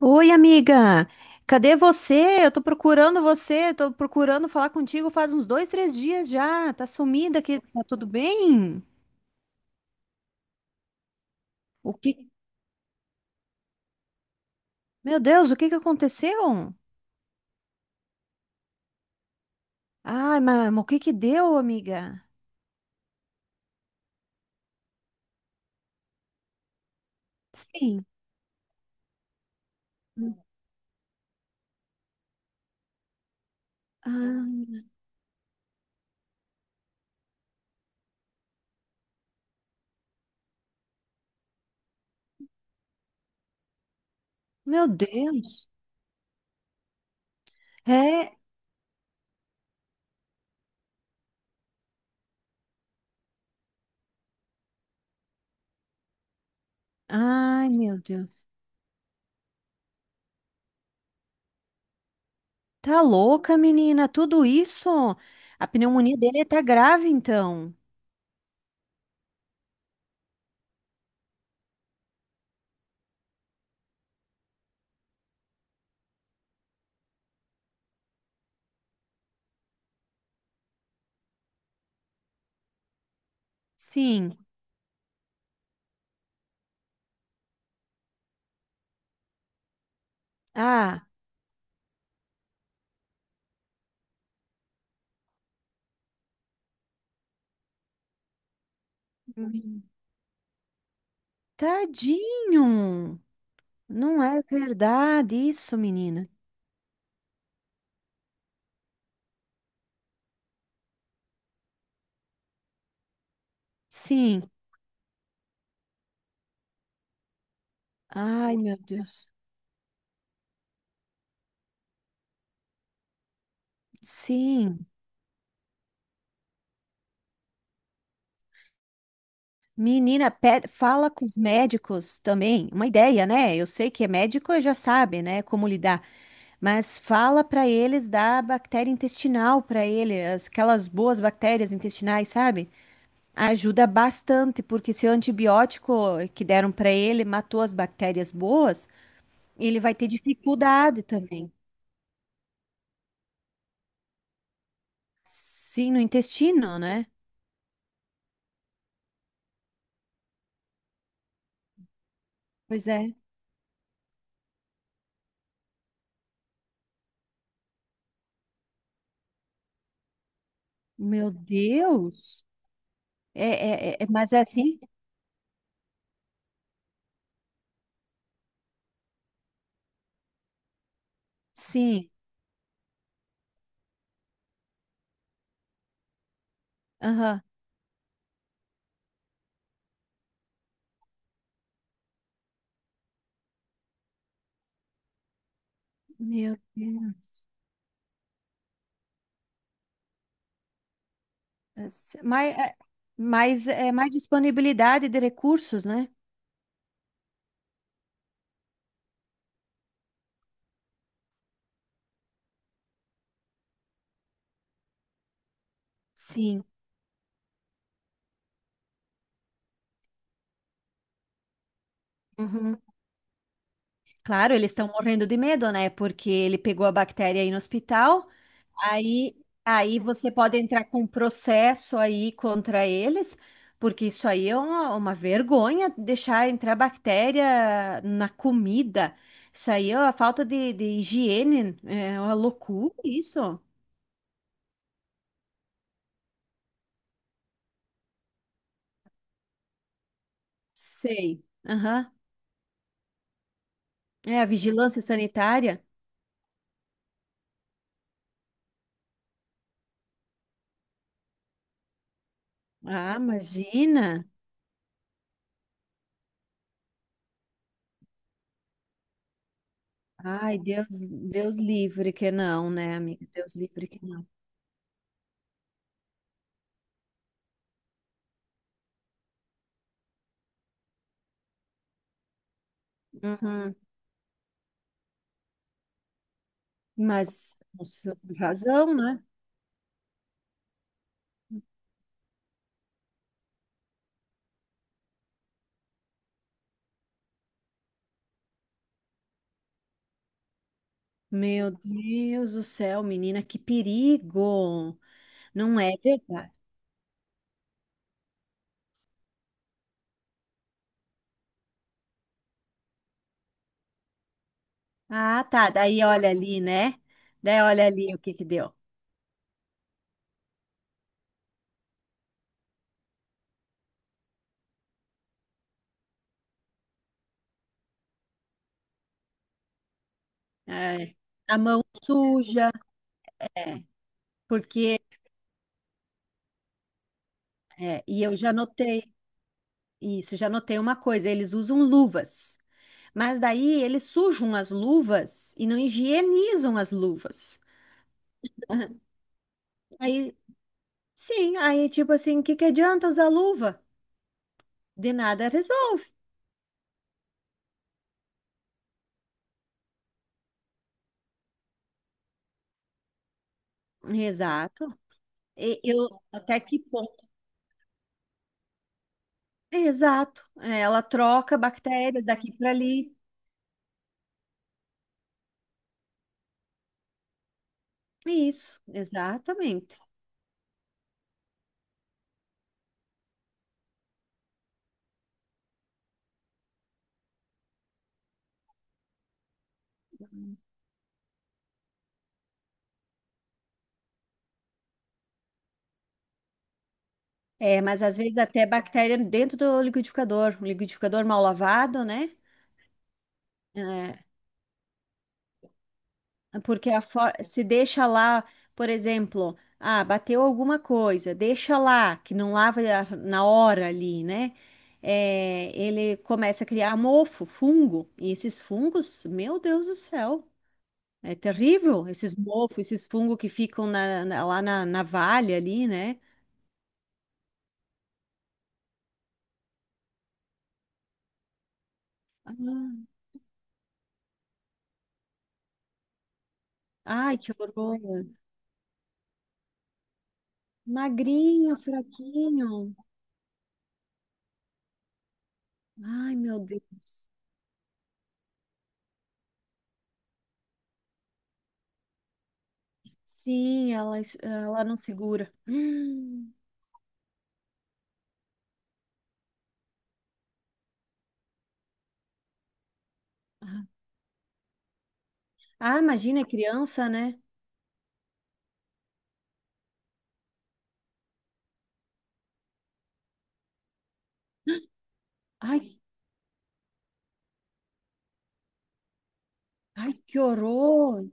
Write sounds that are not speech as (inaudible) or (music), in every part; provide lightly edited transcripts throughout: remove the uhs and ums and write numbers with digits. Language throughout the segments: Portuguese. Oi, amiga! Cadê você? Eu tô procurando você, tô procurando falar contigo faz uns dois, três dias já. Tá sumida aqui, tá tudo bem? O que? Meu Deus, o que que aconteceu? Ai, mas, o que que deu, amiga? Sim. Ah, meu Deus. É. Ai, meu Deus. Tá louca, menina? Tudo isso? A pneumonia dele tá grave, então. Sim. Ah, tadinho. Não é verdade isso, menina? Sim. Ai, meu Deus. Sim. Menina, fala com os médicos também. Uma ideia, né? Eu sei que é médico e já sabe, né, como lidar. Mas fala para eles da bactéria intestinal para ele, aquelas boas bactérias intestinais, sabe? Ajuda bastante, porque se o antibiótico que deram para ele matou as bactérias boas, ele vai ter dificuldade também. Sim, no intestino, né? Pois é. Meu Deus! É, é, é, mas é assim? Sim. Aham. Meu Deus. É se- Mas, é, mas é mais disponibilidade de recursos, né? Sim. Uhum. Claro, eles estão morrendo de medo, né? Porque ele pegou a bactéria aí no hospital. Aí, aí você pode entrar com um processo aí contra eles, porque isso aí é uma vergonha deixar entrar bactéria na comida. Isso aí é uma falta de higiene, é uma loucura isso. Sei. Aham. É a vigilância sanitária. Ah, imagina. Ai, Deus, Deus livre que não, né, amiga? Deus livre que não. Uhum. Mas, com sua razão, né? Meu Deus do céu, menina, que perigo! Não é verdade. Ah, tá. Daí olha ali, né? Daí olha ali o que que deu. É, a mão suja, é, porque é, e eu já notei isso, já notei uma coisa, eles usam luvas, mas daí eles sujam as luvas e não higienizam as luvas. (laughs) Aí, sim, aí tipo assim, que adianta usar luva? De nada resolve. Exato. E eu até que exato. É, ela troca bactérias daqui para ali. Isso, exatamente. É, mas às vezes até bactéria dentro do liquidificador, um liquidificador mal lavado, né? É, porque a se deixa lá, por exemplo, ah, bateu alguma coisa, deixa lá, que não lava na hora ali, né? É, ele começa a criar mofo, fungo, e esses fungos, meu Deus do céu. É terrível esses mofos, esses fungos que ficam lá na, na valha ali, né? Ah, ai, que horror. Magrinho, fraquinho. Ai, meu Deus. Sim, ela, ela não segura. (gasps) Hum. Ah, imagina, criança, né? Ai, ai, que horror.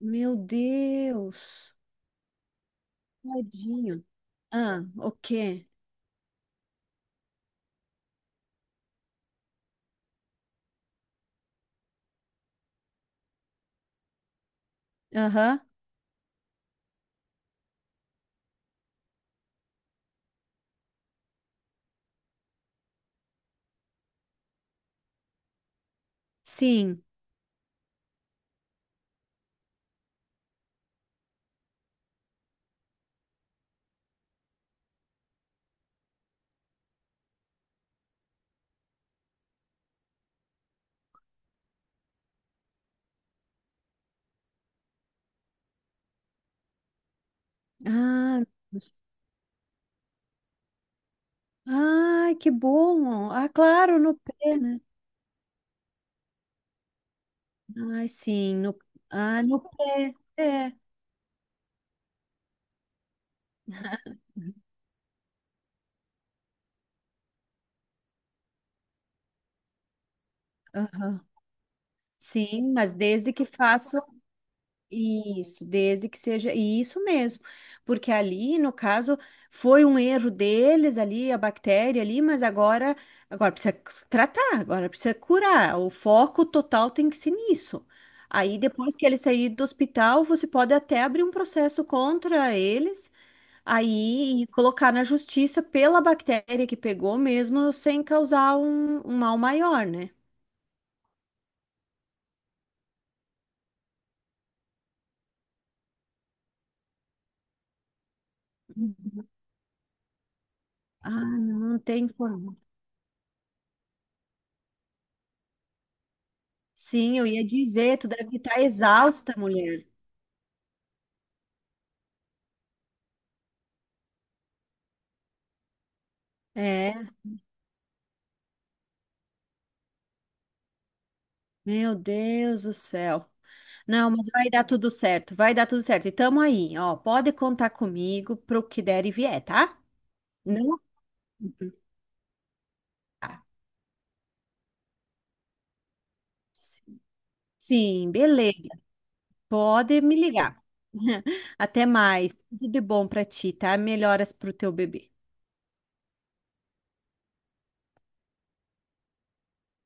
Meu Deus. Tadinho. Ah, o quê? Aham, sim. Ah, ai, que bom. Ah, claro, no pé, né? Ai, sim, no, ah, no pé, é. Aham. Sim, mas desde que faço isso, desde que seja isso mesmo, porque ali, no caso, foi um erro deles ali, a bactéria ali, mas agora, agora precisa tratar, agora precisa curar. O foco total tem que ser nisso. Aí, depois que ele sair do hospital, você pode até abrir um processo contra eles. Aí, e colocar na justiça pela bactéria que pegou mesmo, sem causar um, um mal maior, né? Uhum. Ah, não tem como. Sim, eu ia dizer, tu deve estar exausta, mulher. É, meu Deus do céu. Não, mas vai dar tudo certo, vai dar tudo certo. E tamo aí, ó. Pode contar comigo pro que der e vier, tá? Não. Tá. Sim, beleza. Pode me ligar. (laughs) Até mais. Tudo de bom pra ti, tá? Melhoras pro teu bebê.